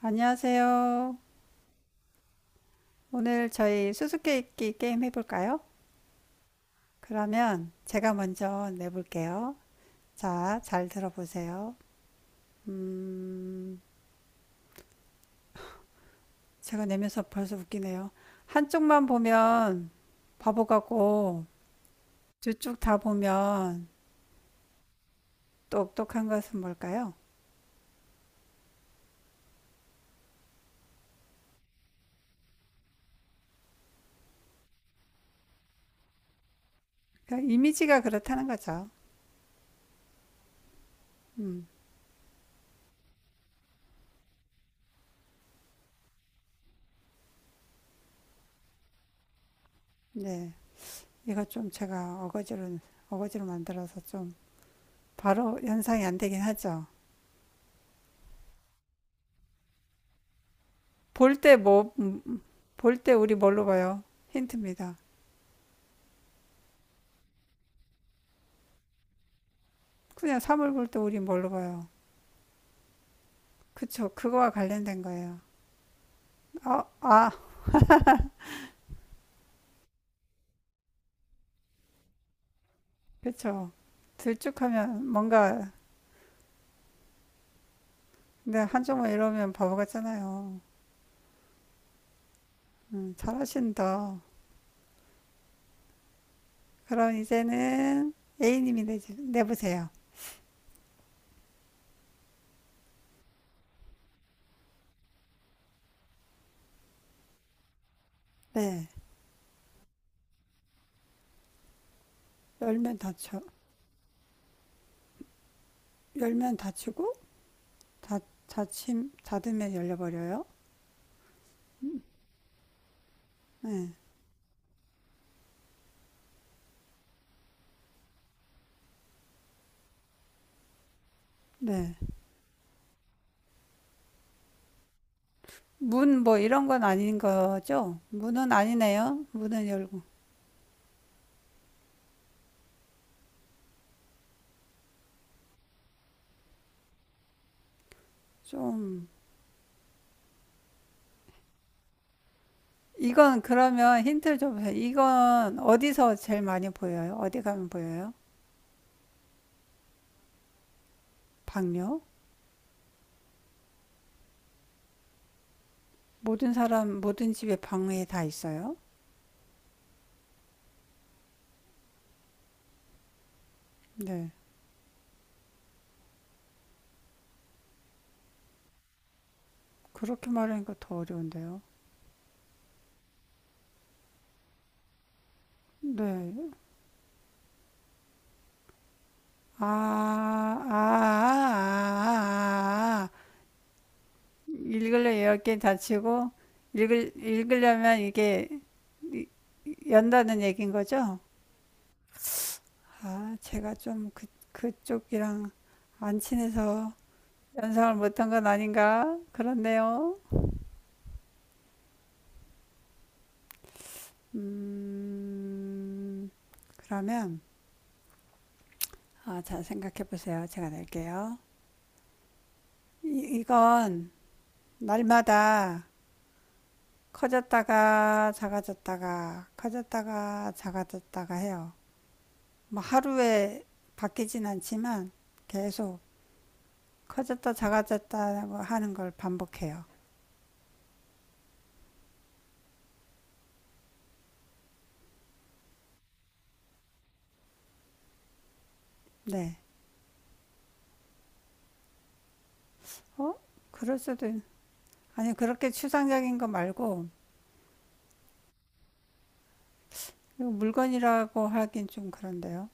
안녕하세요. 오늘 저희 수수께끼 게임 해볼까요? 그러면 제가 먼저 내볼게요. 자, 잘 들어보세요. 음, 제가 내면서 벌써 웃기네요. 한쪽만 보면 바보 같고, 두 쪽 다 보면 똑똑한 것은 뭘까요? 그냥 이미지가 그렇다는 거죠. 음, 네. 이거 좀 제가 어거지로, 어거지로 만들어서 좀 바로 연상이 안 되긴 하죠. 볼 때 볼 때 우리 뭘로 봐요? 힌트입니다. 그냥 사물 볼 때 우리 뭘로 봐요? 그쵸. 그거와 관련된 거예요. 아, 아, 그쵸. 들쭉하면 뭔가, 근데 한쪽만 이러면 바보 같잖아요. 잘하신다. 그럼 이제는 A님이 내보세요. 네. 열면 닫혀. 열면 닫히고, 닫으면 열려버려요. 네. 네. 문 뭐 이런 건 아닌 거죠? 문은 아니네요. 문은 열고. 좀 이건 그러면 힌트를 좀 주세요. 이건 어디서 제일 많이 보여요? 어디 가면 보여요? 방요? 모든 사람, 모든 집에 방에 다 있어요? 네. 그렇게 말하니까 더 어려운데요. 네. 아. 읽으려 열 개 다치고, 읽으려면 이게 이- 연다는 얘기인 거죠? 아, 제가 좀 그, 그쪽이랑 안 친해서 연상을 못한 건 아닌가? 그렇네요. 음, 그러면, 아, 잘 생각해 보세요. 제가 낼게요. 이건 날마다 커졌다가 작아졌다가 커졌다가 작아졌다가 해요. 뭐 하루에 바뀌진 않지만 계속 커졌다 작아졌다 하는 걸 반복해요. 네. 어? 그럴 수도, 있- 아니, 그렇게 추상적인 거 말고, 물건이라고 하긴 좀 그런데요.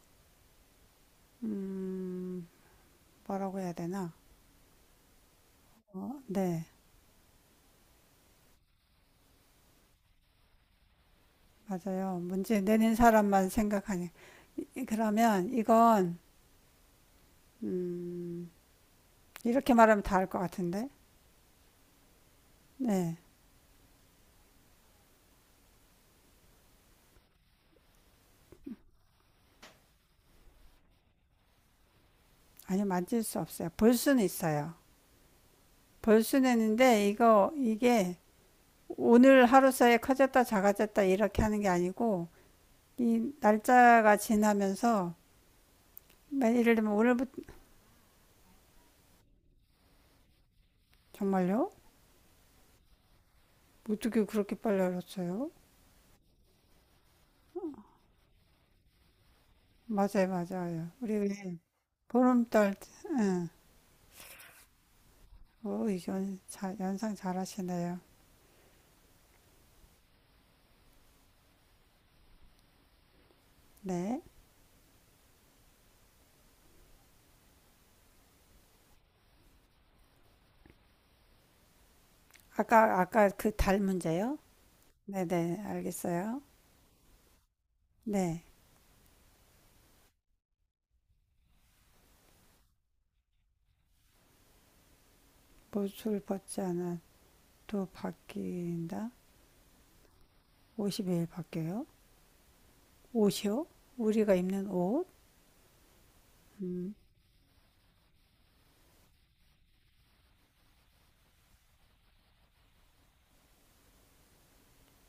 음, 뭐라고 해야 되나? 어, 네, 맞아요. 문제 내는 사람만 생각하니. 그러면 이건, 음, 이렇게 말하면 다 알 것 같은데? 네. 아니, 만질 수 없어요. 볼 수는 있어요. 볼 수는 있는데, 이게 오늘 하루 사이에 커졌다, 작아졌다, 이렇게 하는 게 아니고, 이 날짜가 지나면서, 뭐 예를 들면 오늘부터, 정말요? 어떻게 그렇게 빨리 알았어요? 맞아요, 맞아요. 우리 왜 보름달, 응. 오, 이건 자, 연상 잘하시네요. 네. 아까 그 달 문제요? 네네, 알겠어요. 네. 못을 벗지 않아도 바뀐다? 옷이 매일 바뀌어요? 옷이요? 우리가 입는 옷? 음,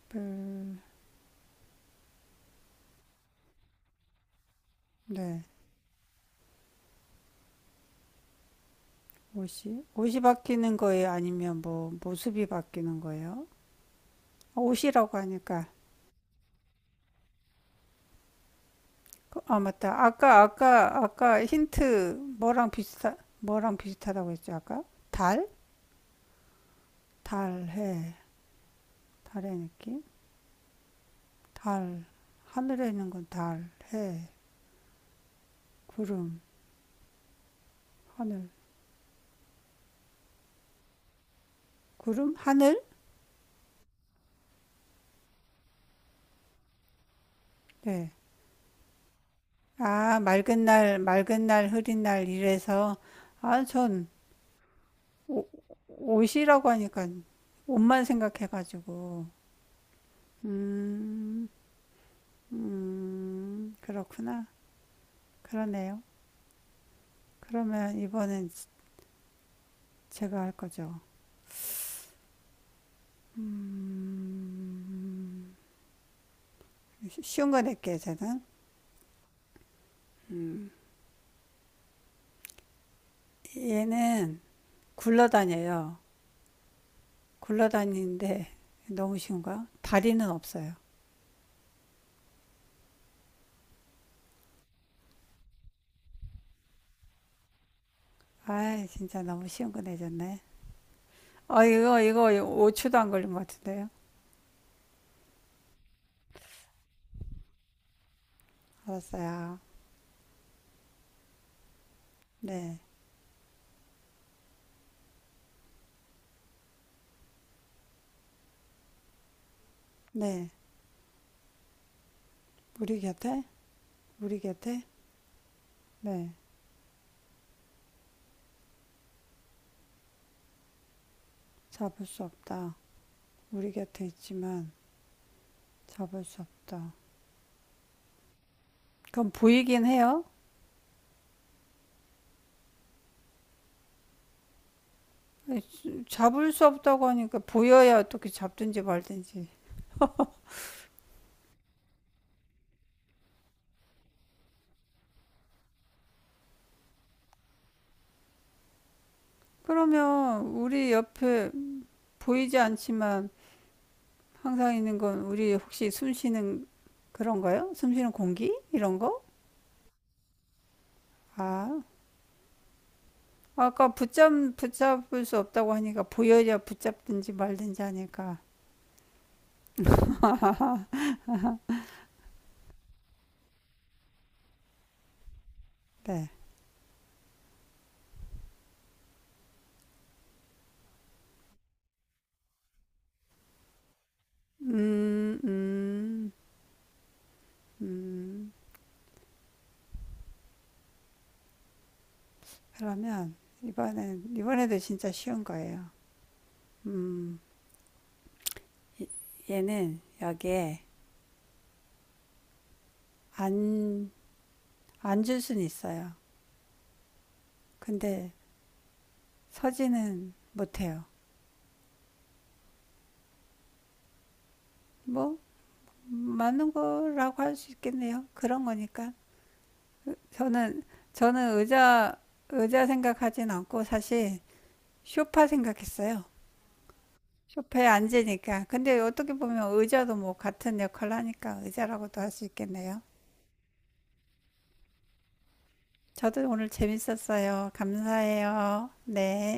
뿔, 네. 옷이? 옷이 바뀌는 거예요? 아니면 뭐, 모습이 바뀌는 거예요? 아, 옷이라고 하니까. 아, 맞다. 아까 힌트 뭐랑 비슷하다고 했죠, 아까? 달? 달해. 달의 느낌? 달. 하늘에 있는 건 달, 해, 구름, 하늘. 구름? 하늘? 네. 아, 맑은 날, 흐린 날 이래서 아, 전 오- 옷이라고 하니까 옷만 생각해가지고 음, 그렇구나. 그러네요. 그러면 이번엔 제가 할 거죠. 쉬- 운 거 낼게요, 저는. 음, 얘는 굴러다녀요. 굴러다니는데 너무 쉬운 거야? 다리는 없어요. 아, 진짜 너무 쉬운 거 내줬네. 아, 이거 5초도 안 걸린 것 같은데요. 알았어요. 네. 네. 우리 곁에? 우리 곁에? 네. 잡을 수 없다. 우리 곁에 있지만 잡을 수 없다. 그럼 보이긴 해요. 잡을 수 없다고 하니까 보여야 어떻게 잡든지 말든지. 그러면 우리 옆에 보이지 않지만 항상 있는 건 우리 혹시 숨 쉬는 그런가요? 숨 쉬는 공기? 이런 거? 아, 아까 붙잡, 붙잡을 수 없다고 하니까 보여야 붙잡든지 말든지 하니까. 네. 음, 음, 음. 그러면 이번에도 진짜 쉬운 거예요. 음, 이- 얘는 여기에 안, 앉을 순 있어요. 근데 서지는 못해요. 뭐, 맞는 거라고 할 수 있겠네요. 그런 거니까. 저는 저는 의자 생각하진 않고 사실 쇼파 생각했어요. 쇼파에 앉으니까. 근데 어떻게 보면 의자도 뭐 같은 역할을 하니까 의자라고도 할 수 있겠네요. 저도 오늘 재밌었어요. 감사해요. 네.